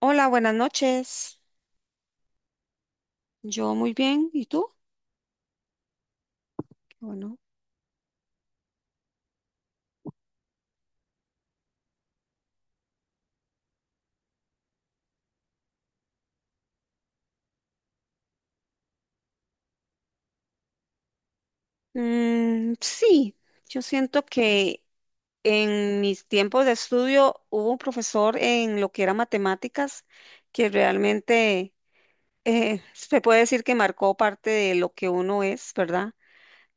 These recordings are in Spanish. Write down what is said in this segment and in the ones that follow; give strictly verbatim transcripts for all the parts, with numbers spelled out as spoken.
Hola, buenas noches. Yo muy bien. ¿Y tú? Qué bueno. Mm, sí, yo siento que en mis tiempos de estudio hubo un profesor en lo que era matemáticas que realmente eh, se puede decir que marcó parte de lo que uno es, ¿verdad?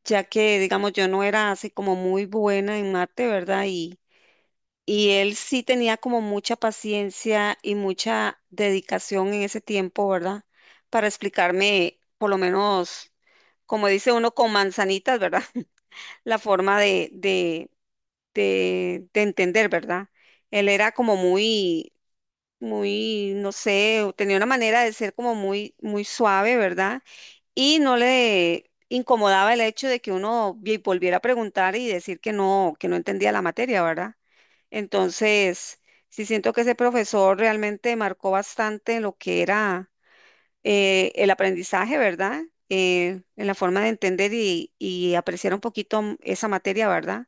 Ya que, digamos, yo no era así como muy buena en mate, ¿verdad? Y él sí tenía como mucha paciencia y mucha dedicación en ese tiempo, ¿verdad? Para explicarme, por lo menos, como dice uno, con manzanitas, ¿verdad? La forma de, de, de, de entender, ¿verdad? Él era como muy, muy, no sé, tenía una manera de ser como muy, muy suave, ¿verdad? Y no le incomodaba el hecho de que uno vi- volviera a preguntar y decir que no, que no entendía la materia, ¿verdad? Entonces, sí siento que ese profesor realmente marcó bastante lo que era eh, el aprendizaje, ¿verdad? Eh, en la forma de entender y, y apreciar un poquito m- esa materia, ¿verdad?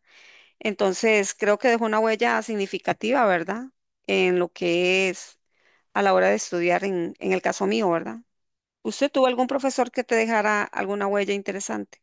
Entonces, creo que dejó una huella significativa, ¿verdad? En lo que es a la hora de estudiar, en, en el caso mío, ¿verdad? ¿Usted tuvo algún profesor que te dejara alguna huella interesante?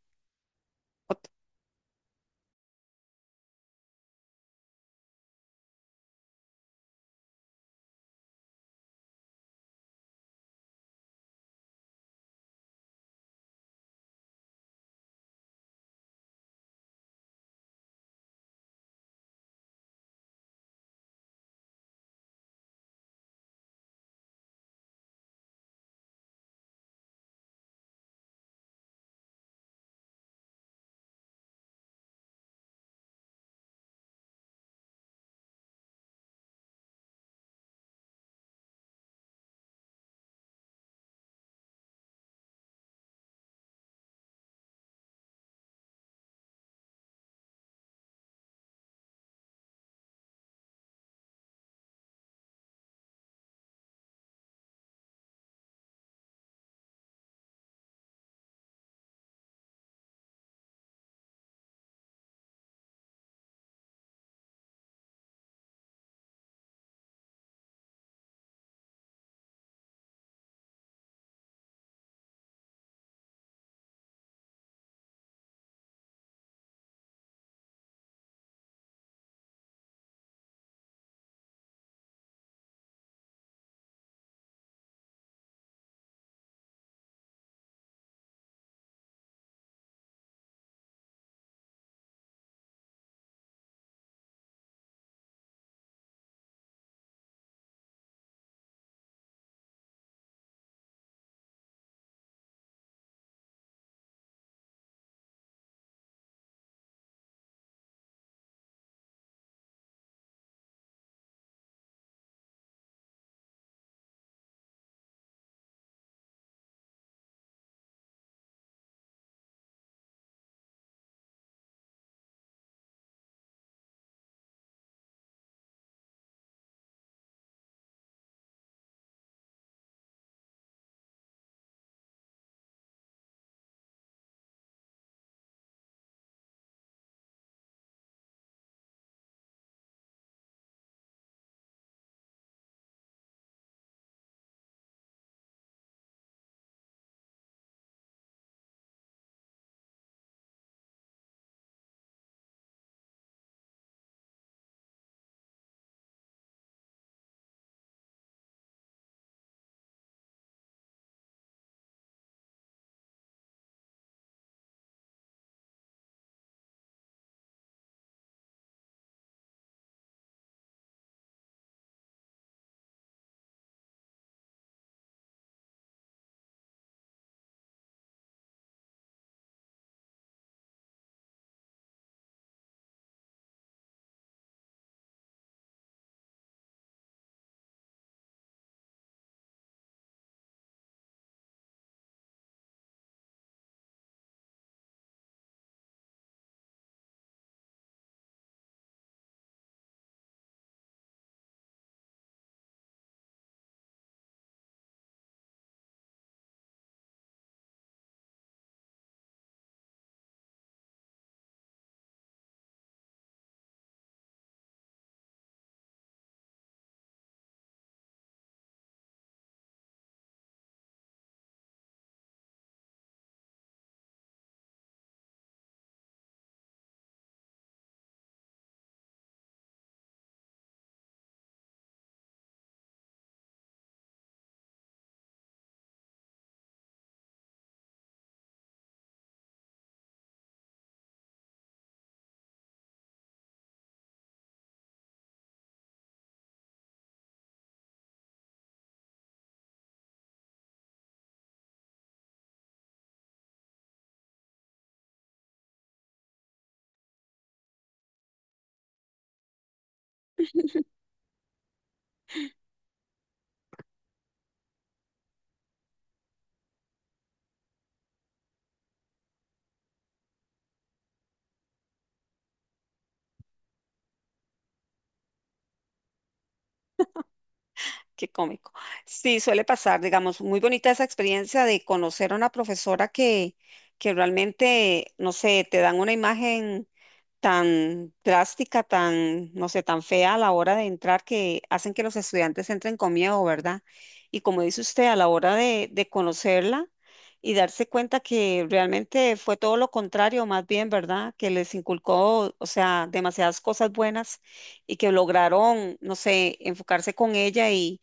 Qué cómico. Sí, suele pasar, digamos, muy bonita esa experiencia de conocer a una profesora que, que realmente, no sé, te dan una imagen tan drástica, tan, no sé, tan fea a la hora de entrar que hacen que los estudiantes entren con miedo, ¿verdad? Y como dice usted, a la hora de, de conocerla y darse cuenta que realmente fue todo lo contrario, más bien, ¿verdad? Que les inculcó, o sea, demasiadas cosas buenas y que lograron, no sé, enfocarse con ella y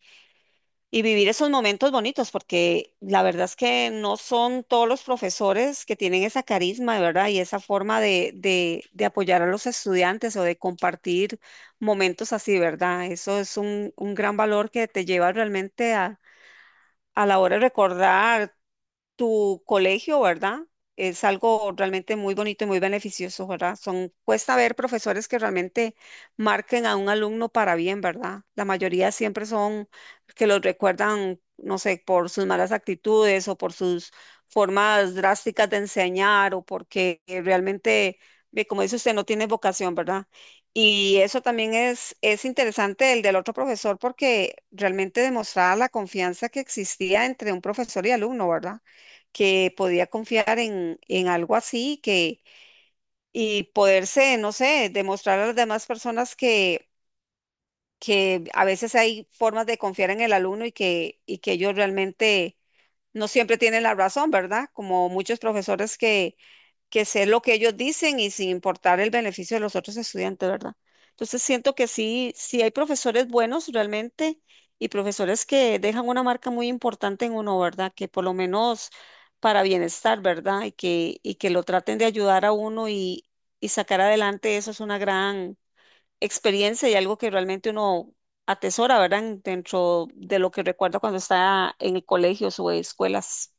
y vivir esos momentos bonitos, porque la verdad es que no son todos los profesores que tienen esa carisma, ¿verdad? Y esa forma de, de, de apoyar a los estudiantes o de compartir momentos así, ¿verdad? Eso es un, un gran valor que te lleva realmente a, a la hora de recordar tu colegio, ¿verdad? Es algo realmente muy bonito y muy beneficioso, ¿verdad? Son, cuesta ver profesores que realmente marquen a un alumno para bien, ¿verdad? La mayoría siempre son que los recuerdan, no sé, por sus malas actitudes o por sus formas drásticas de enseñar o porque eh, realmente, ve, como dice usted, no tiene vocación, ¿verdad? Y eso también es, es interesante el del otro profesor porque realmente demostraba la confianza que existía entre un profesor y alumno, ¿verdad? Que podía confiar en, en algo así que, y poderse, no sé, demostrar a las demás personas que, que a veces hay formas de confiar en el alumno y que, y que ellos realmente no siempre tienen la razón, ¿verdad? Como muchos profesores que, que sé lo que ellos dicen y sin importar el beneficio de los otros estudiantes, ¿verdad? Entonces siento que sí, sí hay profesores buenos realmente y profesores que dejan una marca muy importante en uno, ¿verdad? Que por lo menos para bienestar, ¿verdad? Y que, y que lo traten de ayudar a uno y, y sacar adelante, eso es una gran experiencia y algo que realmente uno atesora, ¿verdad? en- Dentro de lo que recuerda cuando está en el colegio o escuelas.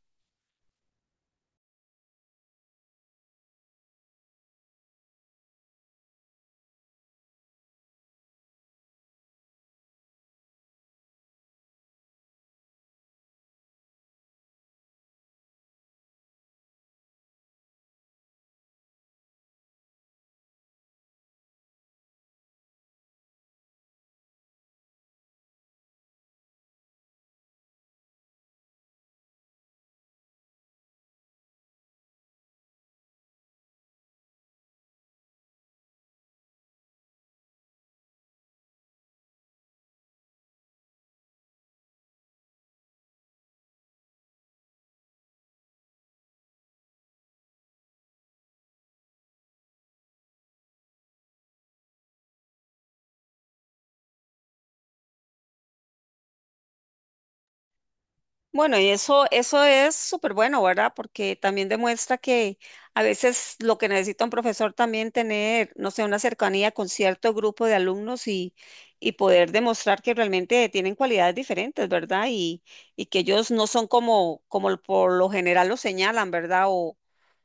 Bueno, y eso, eso es súper bueno, ¿verdad? Porque también demuestra que a veces lo que necesita un profesor también tener, no sé, una cercanía con cierto grupo de alumnos y, y poder demostrar que realmente tienen cualidades diferentes, ¿verdad? Y, y que ellos no son como, como por lo general lo señalan, ¿verdad?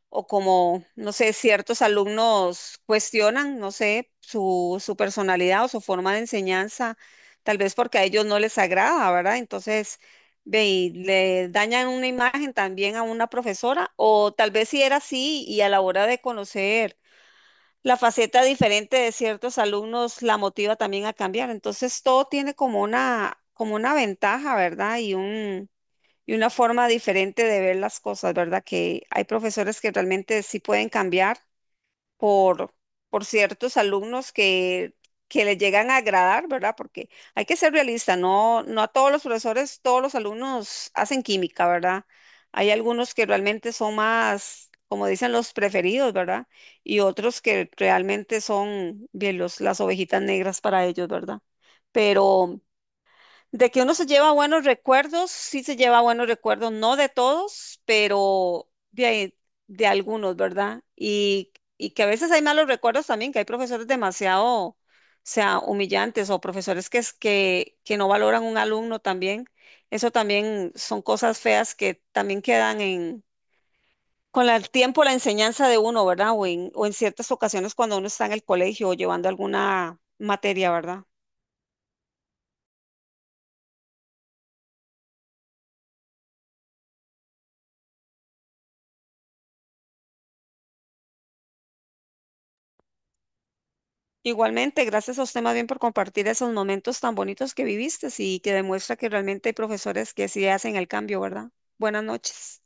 O como, no sé, ciertos alumnos cuestionan, no sé, su, su personalidad o su forma de enseñanza, tal vez porque a ellos no les agrada, ¿verdad? Entonces, ve, y le dañan una imagen también a una profesora, o tal vez si era así y a la hora de conocer la faceta diferente de ciertos alumnos la motiva también a cambiar. Entonces, todo tiene como una, como una ventaja, ¿verdad? Y un y una forma diferente de ver las cosas, ¿verdad? Que hay profesores que realmente sí pueden cambiar por, por ciertos alumnos que, que les llegan a agradar, ¿verdad? Porque hay que ser realista, no, no a todos los profesores, todos los alumnos hacen química, ¿verdad? Hay algunos que realmente son más, como dicen, los preferidos, ¿verdad? Y otros que realmente son bien los, las ovejitas negras para ellos, ¿verdad? Pero de que uno se lleva buenos recuerdos, sí se lleva buenos recuerdos, no de todos, pero de, ahí- de algunos, ¿verdad? Y, y que a veces hay malos recuerdos también, que hay profesores demasiado, o sea, humillantes o profesores que, es- que, que no valoran un alumno también. Eso también son cosas feas que también quedan en, con la- el tiempo, la enseñanza de uno, ¿verdad? O en, o en ciertas ocasiones cuando uno está en el colegio o llevando alguna materia, ¿verdad? Igualmente, gracias a usted más bien por compartir esos momentos tan bonitos que viviste y que demuestra que realmente hay profesores que sí hacen el cambio, ¿verdad? Buenas noches.